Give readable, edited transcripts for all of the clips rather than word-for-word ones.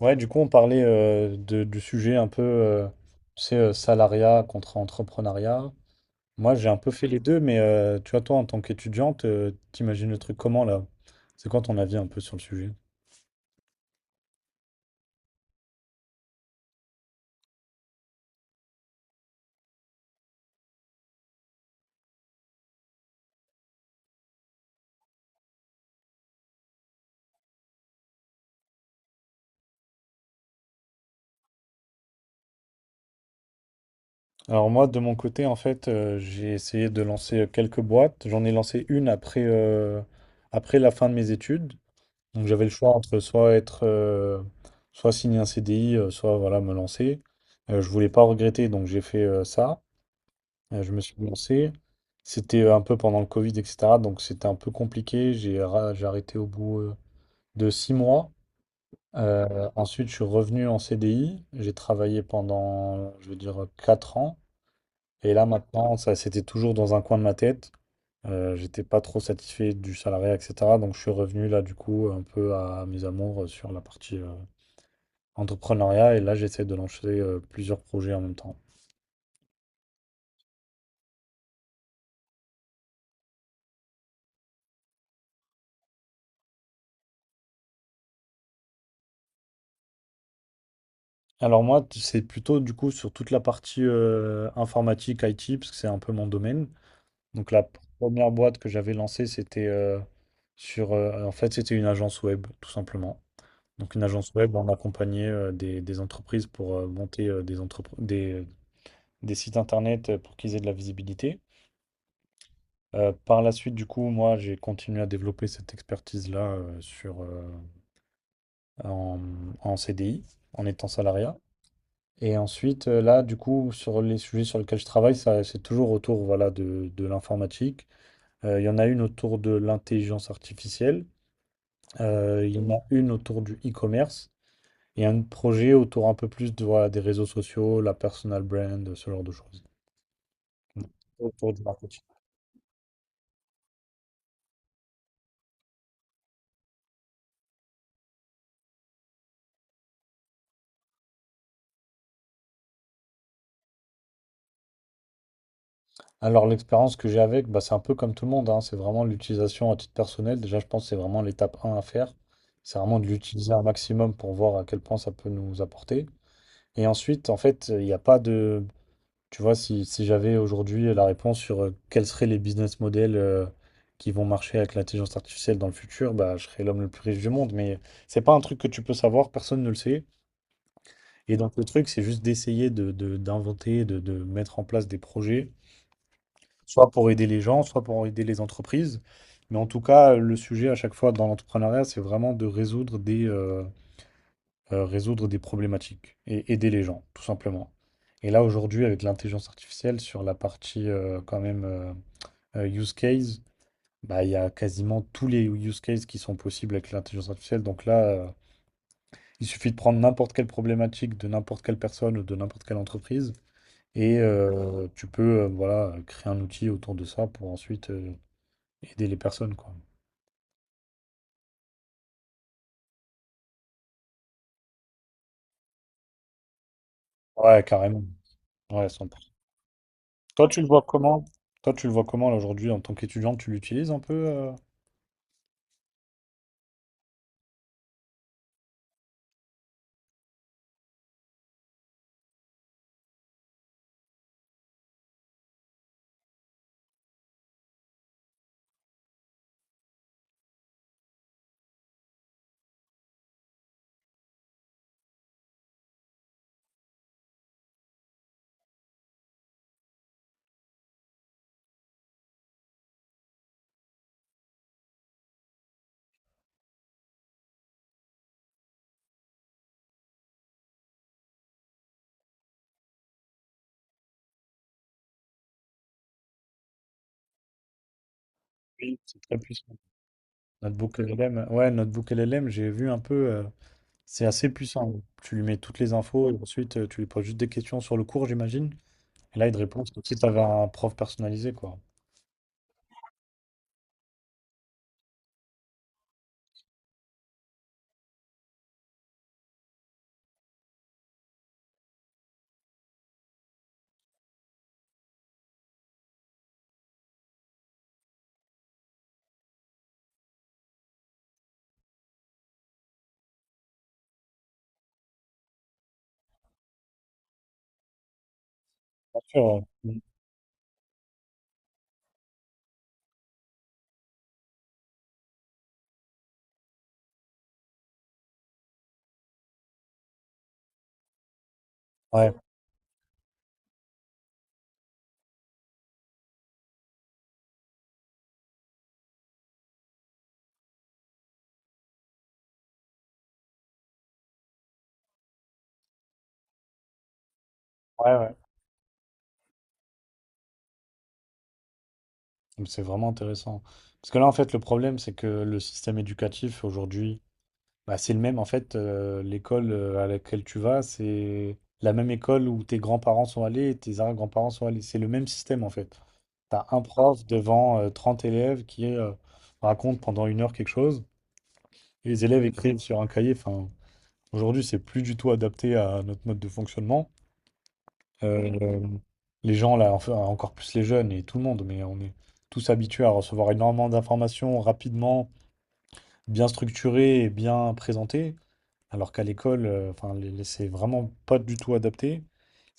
Ouais, du coup, on parlait du sujet un peu, tu sais, salariat contre entrepreneuriat. Moi, j'ai un peu fait les deux, mais tu vois, toi, en tant qu'étudiante, t'imagines le truc comment là? C'est quoi ton avis un peu sur le sujet? Alors moi, de mon côté, en fait, j'ai essayé de lancer quelques boîtes. J'en ai lancé une après la fin de mes études. Donc j'avais le choix entre soit signer un CDI, soit voilà, me lancer. Je voulais pas regretter, donc j'ai fait ça. Je me suis lancé. C'était un peu pendant le Covid, etc. Donc c'était un peu compliqué. J'ai arrêté au bout de 6 mois. Ensuite, je suis revenu en CDI. J'ai travaillé pendant, je veux dire, 4 ans. Et là, maintenant, ça, c'était toujours dans un coin de ma tête. J'étais pas trop satisfait du salariat, etc. Donc je suis revenu là, du coup, un peu à mes amours sur la partie entrepreneuriat. Et là, j'essaie de lancer plusieurs projets en même temps. Alors moi, c'est plutôt du coup sur toute la partie informatique, IT, parce que c'est un peu mon domaine. Donc la première boîte que j'avais lancée, c'était en fait, c'était une agence web, tout simplement. Donc une agence web, on accompagnait des entreprises pour monter des sites internet pour qu'ils aient de la visibilité. Par la suite, du coup, moi, j'ai continué à développer cette expertise-là en, en CDI, en étant salarié. Et ensuite, là, du coup, sur les sujets sur lesquels je travaille, ça, c'est toujours autour, voilà, de l'informatique. Il y en a une autour de l'intelligence artificielle. Il y en a une autour du e-commerce. Et un projet autour un peu plus de, voilà, des réseaux sociaux, la personal brand, ce genre de choses. Autour du marketing. Alors l'expérience que j'ai avec, bah, c'est un peu comme tout le monde, hein, c'est vraiment l'utilisation à titre personnel. Déjà, je pense que c'est vraiment l'étape un à faire. C'est vraiment de l'utiliser un maximum pour voir à quel point ça peut nous apporter. Et ensuite, en fait, il n'y a pas de... Tu vois, si j'avais aujourd'hui la réponse sur quels seraient les business models qui vont marcher avec l'intelligence artificielle dans le futur, bah, je serais l'homme le plus riche du monde. Mais c'est pas un truc que tu peux savoir, personne ne le sait. Et donc le truc, c'est juste d'essayer d'inventer, de mettre en place des projets soit pour aider les gens, soit pour aider les entreprises. Mais en tout cas, le sujet à chaque fois dans l'entrepreneuriat, c'est vraiment de résoudre des problématiques et aider les gens, tout simplement. Et là, aujourd'hui, avec l'intelligence artificielle, sur la partie quand même use case, bah, il y a quasiment tous les use cases qui sont possibles avec l'intelligence artificielle. Donc là, il suffit de prendre n'importe quelle problématique de n'importe quelle personne ou de n'importe quelle entreprise. Et tu peux voilà, créer un outil autour de ça pour ensuite aider les personnes, quoi. Ouais, carrément. Ouais, 100%. Toi, tu le vois comment? Toi, tu le vois comment, là, aujourd'hui, en tant qu'étudiant, tu l'utilises un peu? Oui, c'est très puissant. Notebook LLM. Ouais, Notebook LLM, j'ai vu un peu. C'est assez puissant. Tu lui mets toutes les infos et ensuite, tu lui poses juste des questions sur le cours, j'imagine. Et là, il te répond comme si tu avais un prof personnalisé, quoi. Bien sûr. Ouais, Mm. Ouais, ouais. Ouais. Donc, c'est vraiment intéressant. Parce que là, en fait, le problème, c'est que le système éducatif, aujourd'hui, bah, c'est le même, en fait, l'école à laquelle tu vas, c'est la même école où tes grands-parents sont allés et tes arrière-grands-parents sont allés. C'est le même système, en fait. Tu as un prof devant 30 élèves qui raconte pendant une heure quelque chose, et les élèves écrivent sur un cahier. Enfin, aujourd'hui, c'est plus du tout adapté à notre mode de fonctionnement. Euh, les gens, là, enfin, encore plus les jeunes et tout le monde, mais on est tous habitués à recevoir énormément d'informations rapidement, bien structurées et bien présentées. Alors qu'à l'école, enfin, c'est vraiment pas du tout adapté.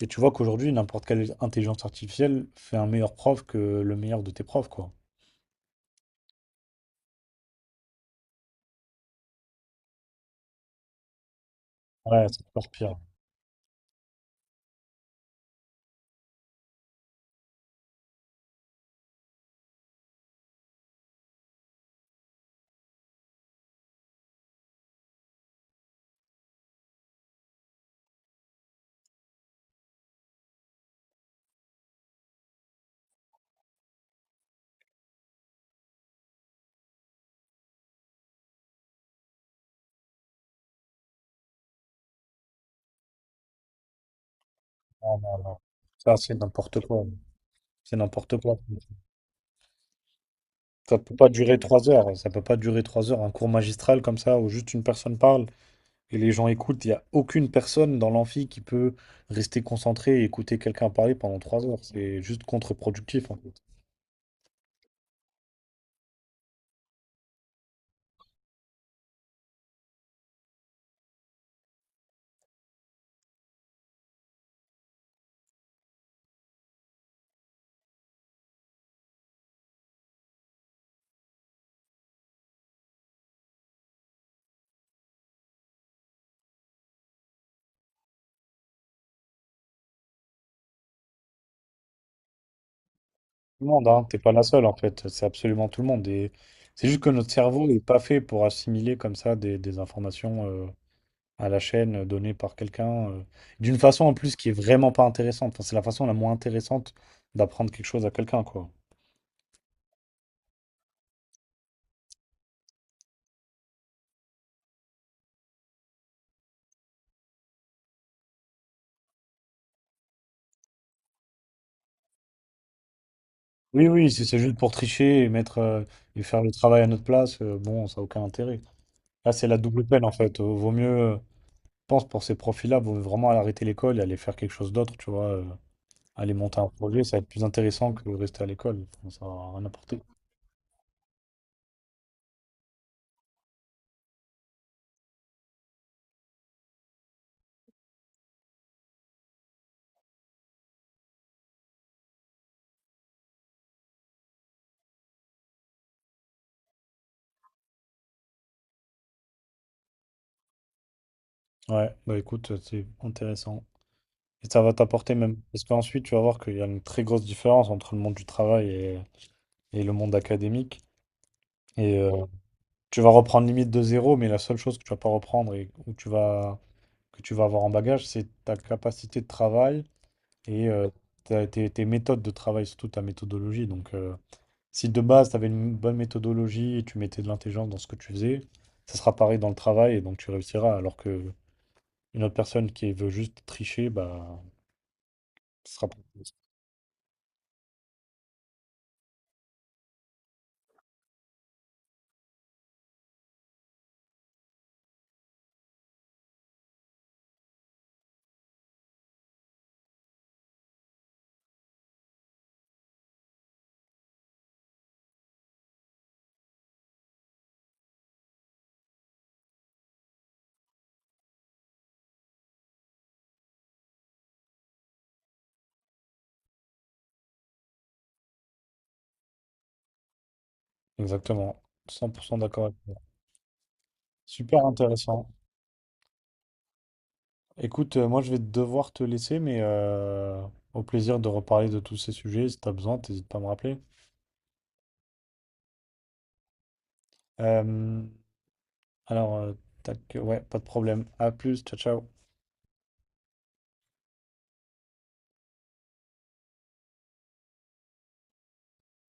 Et tu vois qu'aujourd'hui, n'importe quelle intelligence artificielle fait un meilleur prof que le meilleur de tes profs, quoi. Ouais, c'est encore pire. Non, non, non. Ça, c'est n'importe quoi. C'est n'importe quoi. Ça peut pas durer 3 heures. Ça peut pas durer trois heures. Un cours magistral comme ça, où juste une personne parle et les gens écoutent. Il n'y a aucune personne dans l'amphi qui peut rester concentrée et écouter quelqu'un parler pendant 3 heures. C'est juste contre-productif, hein. Tout le monde, hein. T'es pas la seule en fait, c'est absolument tout le monde. Et c'est juste que notre cerveau n'est pas fait pour assimiler comme ça des informations à la chaîne données par quelqu'un, d'une façon en plus qui est vraiment pas intéressante. Enfin, c'est la façon la moins intéressante d'apprendre quelque chose à quelqu'un, quoi. Oui, oui, si c'est juste pour tricher et mettre et faire le travail à notre place, bon, ça n'a aucun intérêt. Là, c'est la double peine en fait. Vaut mieux, je pense, pour ces profils-là, vaut vraiment arrêter l'école et aller faire quelque chose d'autre, tu vois. Aller monter un projet, ça va être plus intéressant que rester à l'école. Enfin, ça va rien apporter. Ouais, bah écoute, c'est intéressant. Et ça va t'apporter même. Parce qu'ensuite, tu vas voir qu'il y a une très grosse différence entre le monde du travail et le monde académique. Et tu vas reprendre limite de zéro, mais la seule chose que tu vas pas reprendre et où tu vas que tu vas avoir en bagage, c'est ta capacité de travail et tes méthodes de travail, surtout ta méthodologie. Donc, si de base, tu avais une bonne méthodologie et tu mettais de l'intelligence dans ce que tu faisais, ça sera pareil dans le travail et donc tu réussiras. Alors que une autre personne qui veut juste tricher, bah, ce sera pas possible. Exactement. 100% d'accord avec toi. Super intéressant. Écoute, moi je vais devoir te laisser, mais au plaisir de reparler de tous ces sujets. Si tu as besoin, n'hésite pas à me rappeler. Euh, Alors, tac, ouais, pas de problème. À plus, ciao, ciao.